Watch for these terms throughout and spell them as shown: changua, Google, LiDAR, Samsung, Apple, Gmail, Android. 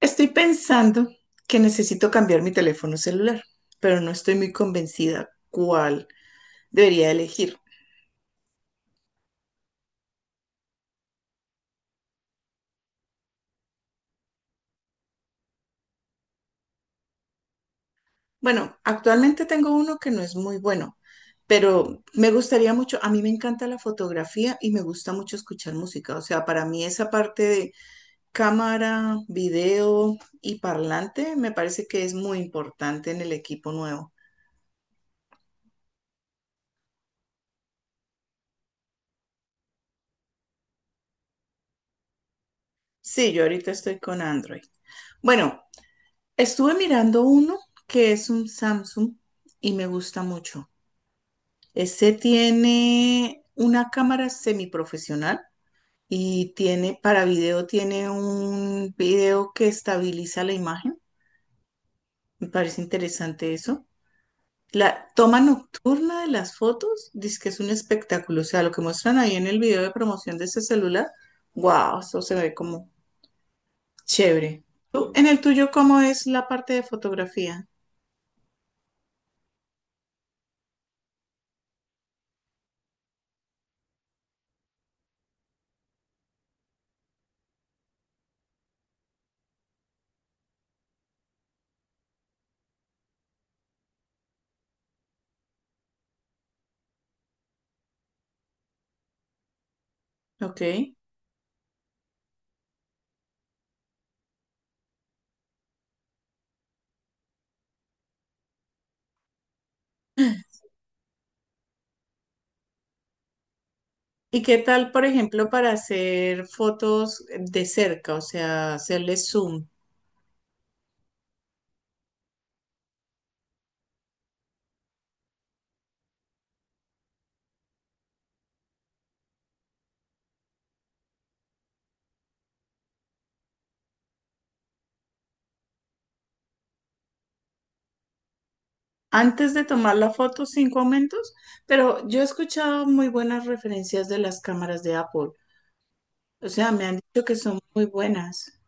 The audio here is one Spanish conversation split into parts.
Estoy pensando que necesito cambiar mi teléfono celular, pero no estoy muy convencida cuál debería elegir. Bueno, actualmente tengo uno que no es muy bueno, pero me gustaría mucho, a mí me encanta la fotografía y me gusta mucho escuchar música. O sea, para mí esa parte de cámara, video y parlante me parece que es muy importante en el equipo nuevo. Sí, yo ahorita estoy con Android. Bueno, estuve mirando uno que es un Samsung y me gusta mucho. Ese tiene una cámara semiprofesional y tiene para video, tiene un video que estabiliza la imagen. Me parece interesante eso. La toma nocturna de las fotos, dice que es un espectáculo. O sea, lo que muestran ahí en el video de promoción de ese celular, wow, eso se ve como chévere. En el tuyo, ¿cómo es la parte de fotografía? Ok. ¿Y qué tal, por ejemplo, para hacer fotos de cerca, o sea, hacerle zoom? Antes de tomar la foto, cinco aumentos, pero yo he escuchado muy buenas referencias de las cámaras de Apple. O sea, me han dicho que son muy buenas.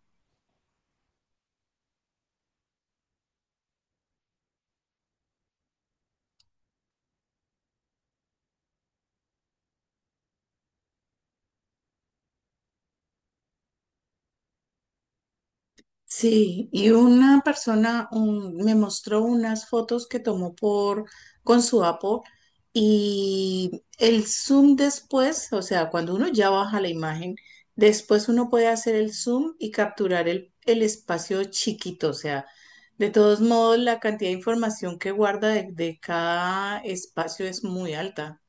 Sí, y una me mostró unas fotos que tomó por con su Apple y el zoom después, o sea, cuando uno ya baja la imagen, después uno puede hacer el zoom y capturar el espacio chiquito, o sea, de todos modos la cantidad de información que guarda de cada espacio es muy alta.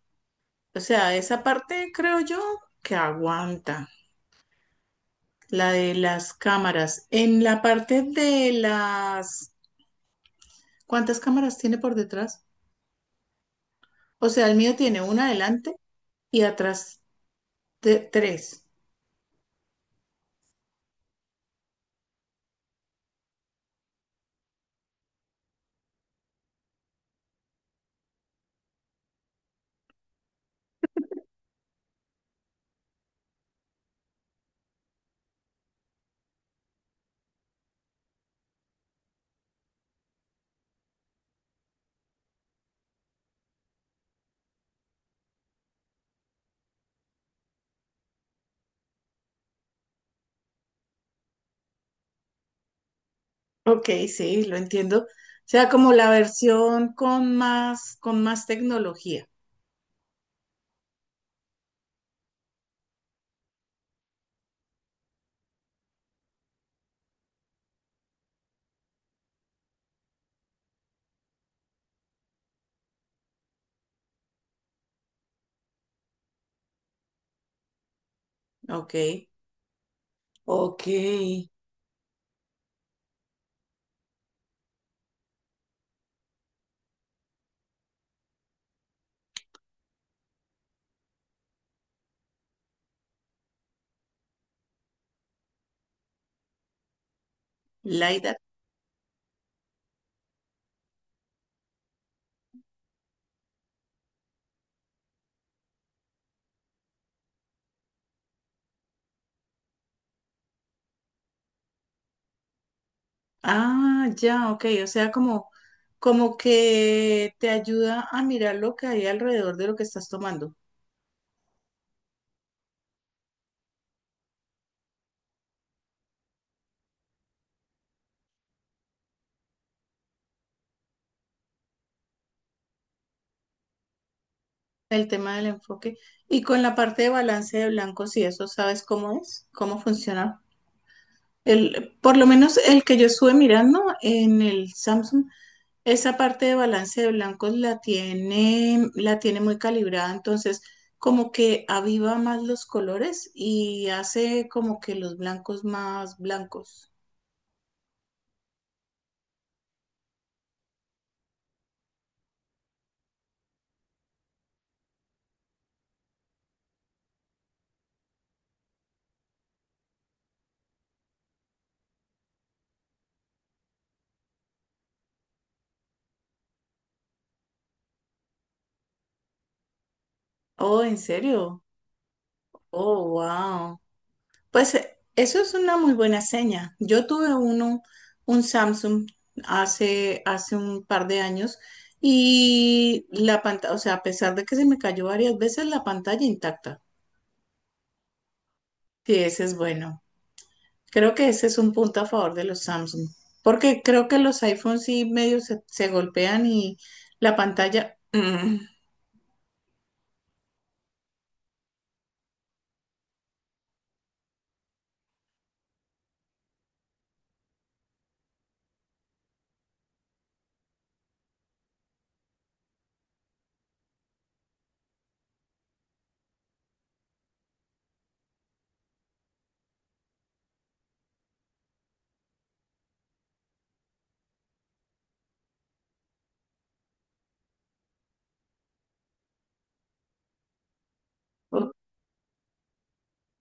O sea, esa parte creo yo que aguanta. La de las cámaras. En la parte de las... ¿Cuántas cámaras tiene por detrás? O sea, el mío tiene una adelante y atrás tres. Ok, sí, lo entiendo. O sea, como la versión con más tecnología. Ok, ok. LiDAR. Ah, ya, ok. O sea, como, como que te ayuda a mirar lo que hay alrededor de lo que estás tomando. El tema del enfoque. Y con la parte de balance de blancos y eso, ¿sabes cómo es? ¿Cómo funciona? El, por lo menos el que yo estuve mirando en el Samsung, esa parte de balance de blancos la tiene muy calibrada, entonces como que aviva más los colores y hace como que los blancos más blancos. Oh, ¿en serio? Oh, wow. Pues eso es una muy buena seña. Yo tuve uno, un Samsung hace un par de años y la pantalla, o sea, a pesar de que se me cayó varias veces, la pantalla intacta. Sí, ese es bueno. Creo que ese es un punto a favor de los Samsung, porque creo que los iPhones sí medio se golpean y la pantalla...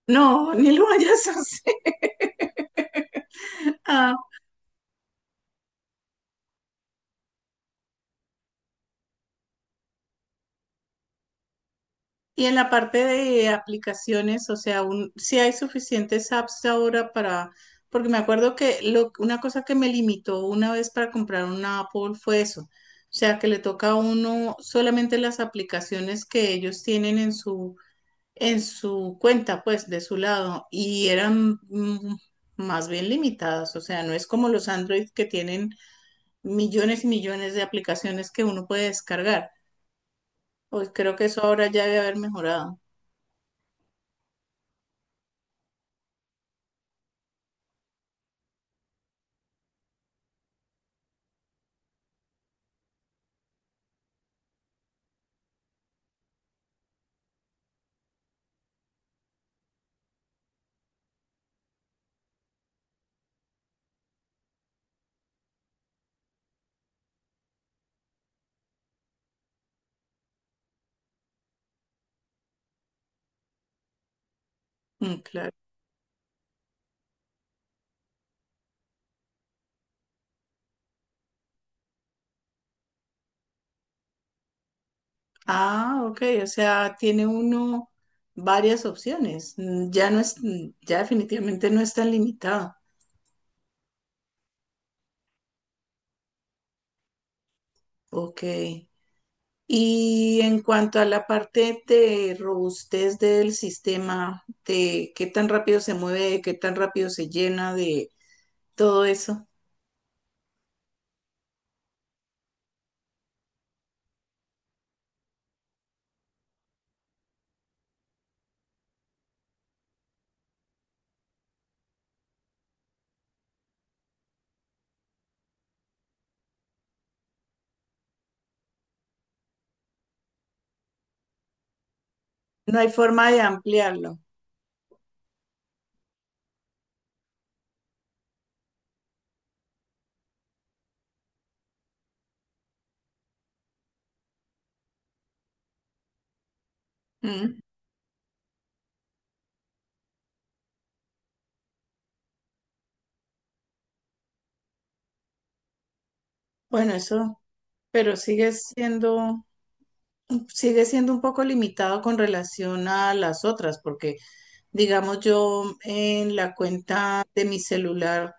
no, ni lo vayas a hacer. Y en la parte de aplicaciones, o sea, un, si hay suficientes apps ahora para, porque me acuerdo que lo, una cosa que me limitó una vez para comprar una Apple fue eso, o sea, que le toca a uno solamente las aplicaciones que ellos tienen en su cuenta, pues, de su lado, y eran más bien limitadas, o sea, no es como los Android que tienen millones y millones de aplicaciones que uno puede descargar, pues creo que eso ahora ya debe haber mejorado. Mm, claro. Ah, ok, o sea, tiene uno varias opciones. Ya no es, ya definitivamente no es tan limitado. Ok. Y en cuanto a la parte de robustez del sistema, de qué tan rápido se mueve, qué tan rápido se llena, de todo eso, no hay forma de ampliarlo. Mm, Bueno, eso, pero sigue siendo un poco limitado con relación a las otras, porque digamos, yo en la cuenta de mi celular,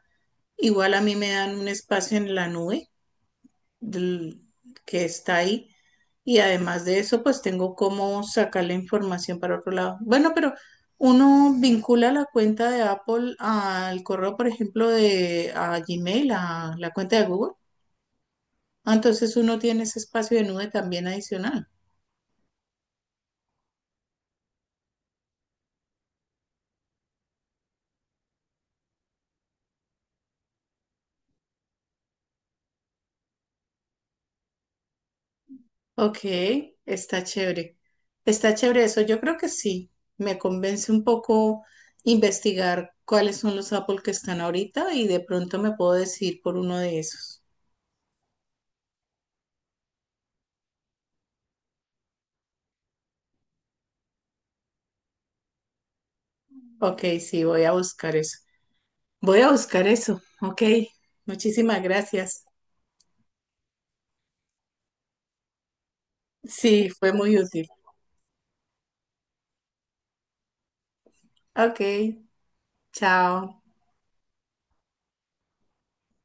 igual a mí me dan un espacio en la nube del- que está ahí. Y además de eso, pues tengo cómo sacar la información para otro lado. Bueno, pero uno vincula la cuenta de Apple al correo, por ejemplo, de a Gmail, a la cuenta de Google. Ah, entonces uno tiene ese espacio de nube también adicional. Ok, está chévere. Está chévere eso. Yo creo que sí. Me convence un poco investigar cuáles son los Apple que están ahorita y de pronto me puedo decidir por uno de esos. Ok, sí, voy a buscar eso. Voy a buscar eso. Ok, muchísimas gracias. Sí, fue muy útil. Ok, chao.